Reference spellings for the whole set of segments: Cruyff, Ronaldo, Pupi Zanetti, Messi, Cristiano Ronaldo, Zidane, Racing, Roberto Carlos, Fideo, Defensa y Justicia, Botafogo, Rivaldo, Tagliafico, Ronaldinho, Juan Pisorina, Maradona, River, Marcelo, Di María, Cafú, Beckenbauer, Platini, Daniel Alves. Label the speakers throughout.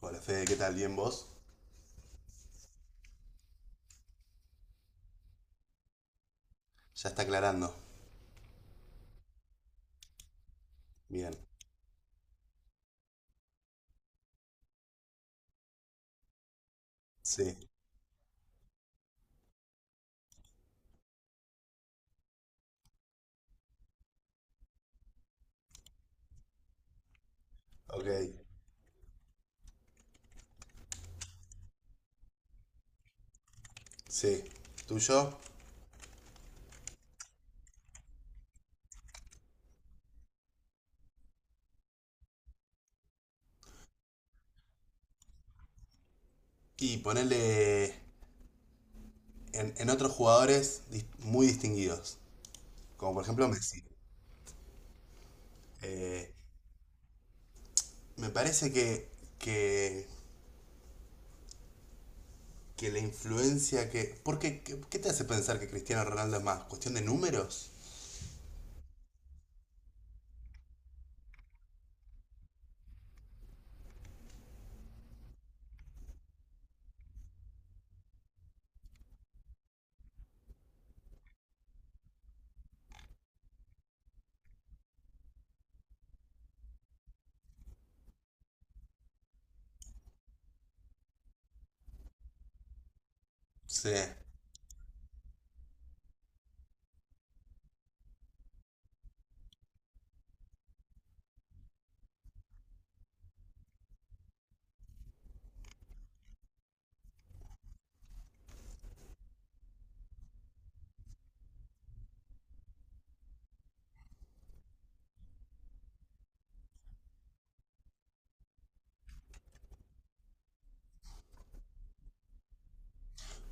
Speaker 1: Hola Fede, ¿qué tal? ¿Bien vos? Ya está aclarando. Bien. Sí. Ok. Sí. Tuyo. Y ponerle en otros jugadores muy distinguidos. Como por ejemplo Messi. Eh, me parece que, que la influencia que... ¿Por qué te hace pensar que Cristiano Ronaldo es más? ¿Cuestión de números? Sí.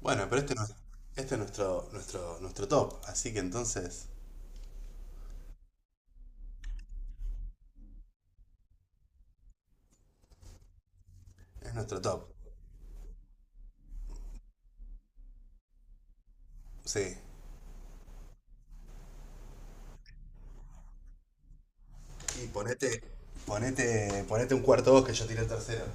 Speaker 1: Bueno, pero este, no, este es nuestro top. Así que entonces es nuestro top. Sí. Y ponete un cuarto vos que yo tiré el tercero.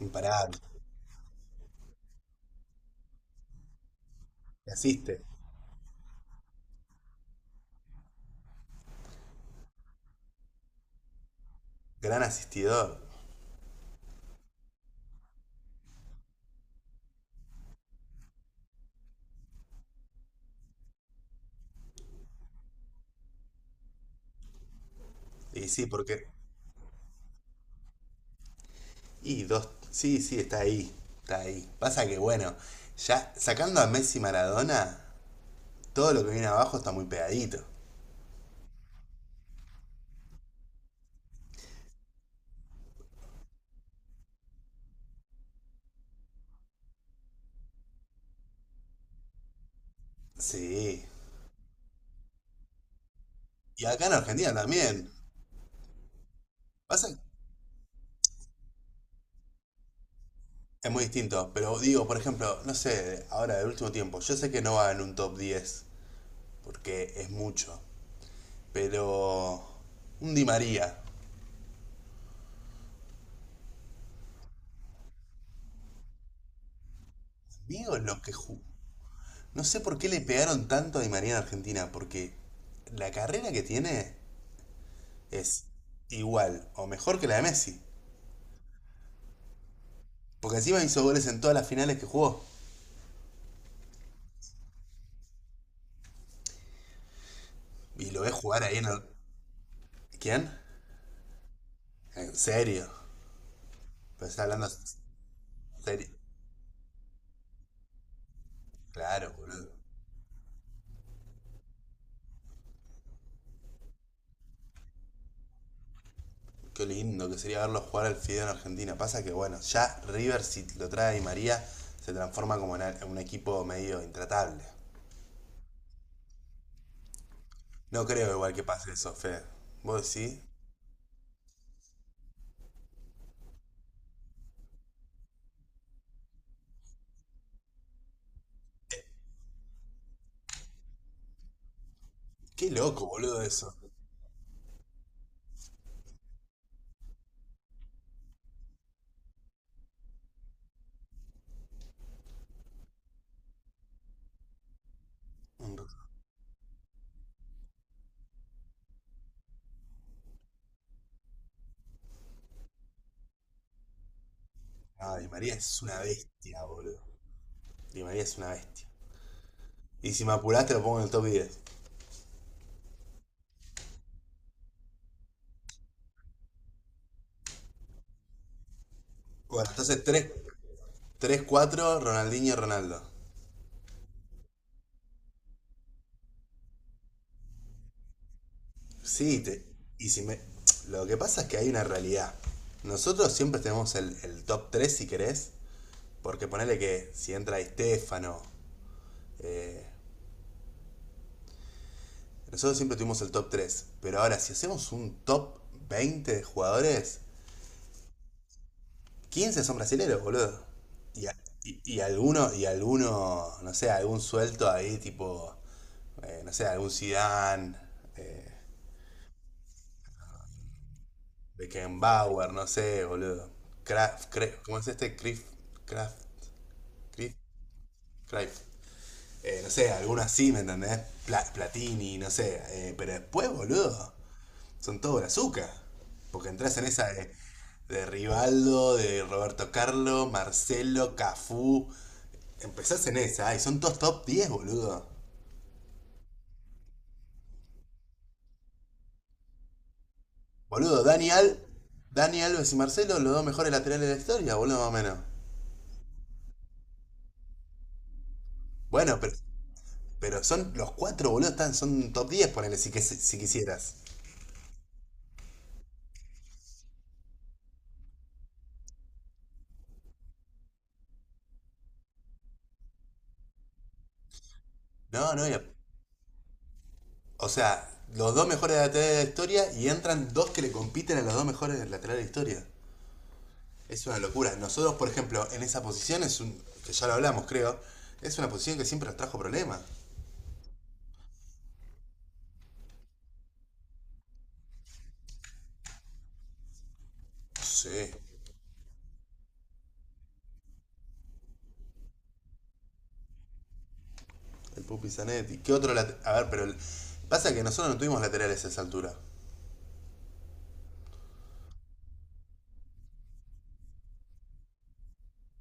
Speaker 1: Imparable. Asiste. Gran asistidor. Y sí, porque. Y dos. Sí, sí, está ahí. Está ahí. Pasa que bueno, ya sacando a Messi y Maradona, todo lo que viene abajo está muy pegadito. Sí. Y acá en Argentina también. Pasa que es muy distinto, pero digo, por ejemplo, no sé, ahora del último tiempo, yo sé que no va en un top 10 porque es mucho, pero un Di María. Digo lo que... No sé por qué le pegaron tanto a Di María en Argentina, porque la carrera que tiene es igual o mejor que la de Messi. Porque encima hizo goles en todas las finales que jugó. Y lo ves jugar ahí en el... ¿Quién? En serio. Pero está hablando en serio. Claro, boludo. Qué lindo que sería verlo jugar al Fideo en Argentina. Pasa que, bueno, ya River, si lo trae a Di María, se transforma como en en un equipo medio intratable. No creo igual que pase eso, Fede. ¿Vos decís? Qué loco, boludo, eso. Ah, Di María es una bestia, boludo. Di María es una bestia. Y si me apuraste lo pongo en el top 10. Bueno, entonces tres, 4, Ronaldinho, Ronaldo. Sí, y si me... Lo que pasa es que hay una realidad. Nosotros siempre tenemos el top 3 si querés, porque ponele que si entra Estefano, nosotros siempre tuvimos el top 3. Pero ahora si hacemos un top 20 de jugadores, 15 son brasileros, boludo. Y, a- y alguno, no sé, algún suelto ahí, tipo, no sé, algún Zidane, eh, Beckenbauer, no sé, boludo. Kraft, ¿cómo es este? Crif, Kraft, Crif, Cruyff. No sé, alguno así, ¿me entendés? Platini, no sé. Pero después, boludo, son todos azúcar. Porque entras en esa de, Rivaldo, de Roberto Carlos, Marcelo, Cafú. Empezás en esa, y son todos top 10, boludo. Boludo, Daniel Alves y Marcelo, los dos mejores laterales de la historia, boludo, más o menos. Bueno, pero son los cuatro, boludo, son top 10, ponele si, si quisieras. No, no, o sea, los dos mejores laterales de la historia y entran dos que le compiten a los dos mejores laterales de la historia. Es una locura. Nosotros, por ejemplo, en esa posición es un. Que ya lo hablamos, creo. Es una posición que siempre nos trajo problemas. Sí. El Pupi Zanetti. ¿Qué otro lateral? A ver, pero pasa que nosotros no tuvimos laterales a esa altura.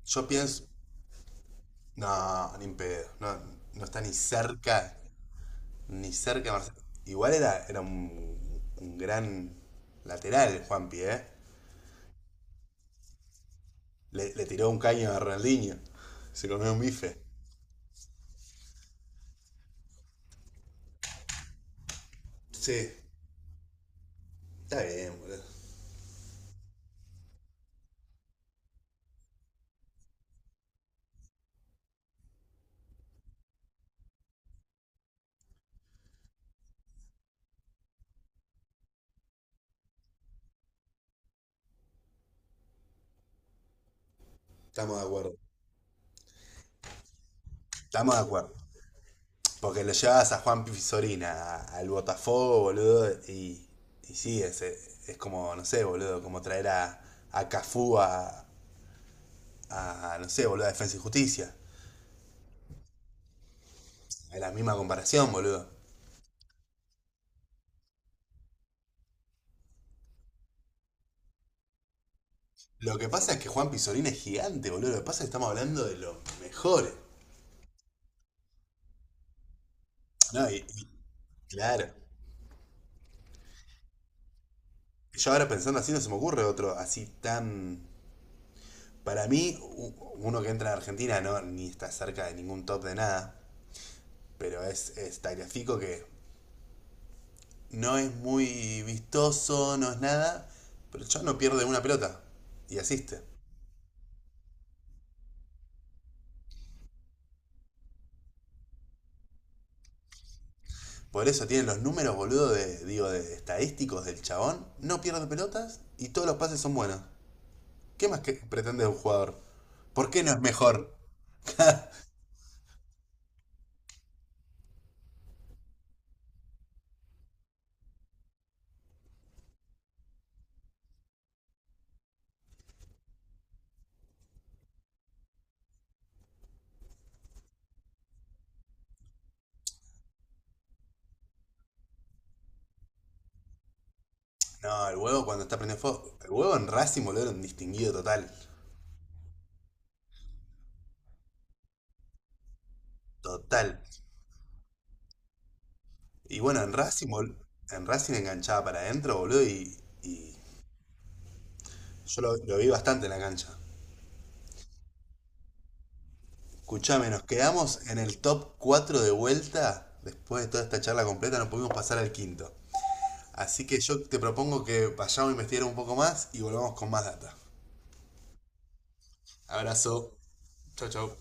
Speaker 1: Yo pienso. No, ni en pedo. No, no está ni cerca. Ni cerca Marcelo. Igual era un, gran lateral, Juanpi, ¿eh? Le tiró un caño a Ronaldinho. Se comió un bife. Sí, está bien, boludo. Estamos de acuerdo. Estamos de acuerdo. Porque lo llevas a Juan Pisorina, al Botafogo, boludo, y sí, es como, no sé, boludo, como traer a, Cafú a, no sé, boludo, a Defensa y Justicia. Es la misma comparación, boludo. Lo que pasa es que Juan Pisorina es gigante, boludo. Lo que pasa es que estamos hablando de los mejores. No, y claro. Yo ahora pensando así no se me ocurre otro así tan... Para mí, uno que entra en Argentina no ni está cerca de ningún top de nada, pero es Tagliafico que no es muy vistoso, no es nada, pero el chabón no pierde una pelota y asiste. Por eso tiene los números, boludo, de estadísticos del chabón. No pierde pelotas y todos los pases son buenos. ¿Qué más que pretende un jugador? ¿Por qué no es mejor? No, el huevo cuando está prendiendo fuego. El huevo en Racing, boludo, era un distinguido total. Total. Y bueno, en Racing enganchaba para adentro, boludo, y yo lo vi bastante en la cancha. Escuchame, nos quedamos en el top 4 de vuelta. Después de toda esta charla completa, no pudimos pasar al quinto. Así que yo te propongo que vayamos a investigar un poco más y volvamos con más data. Abrazo. Chau, chau.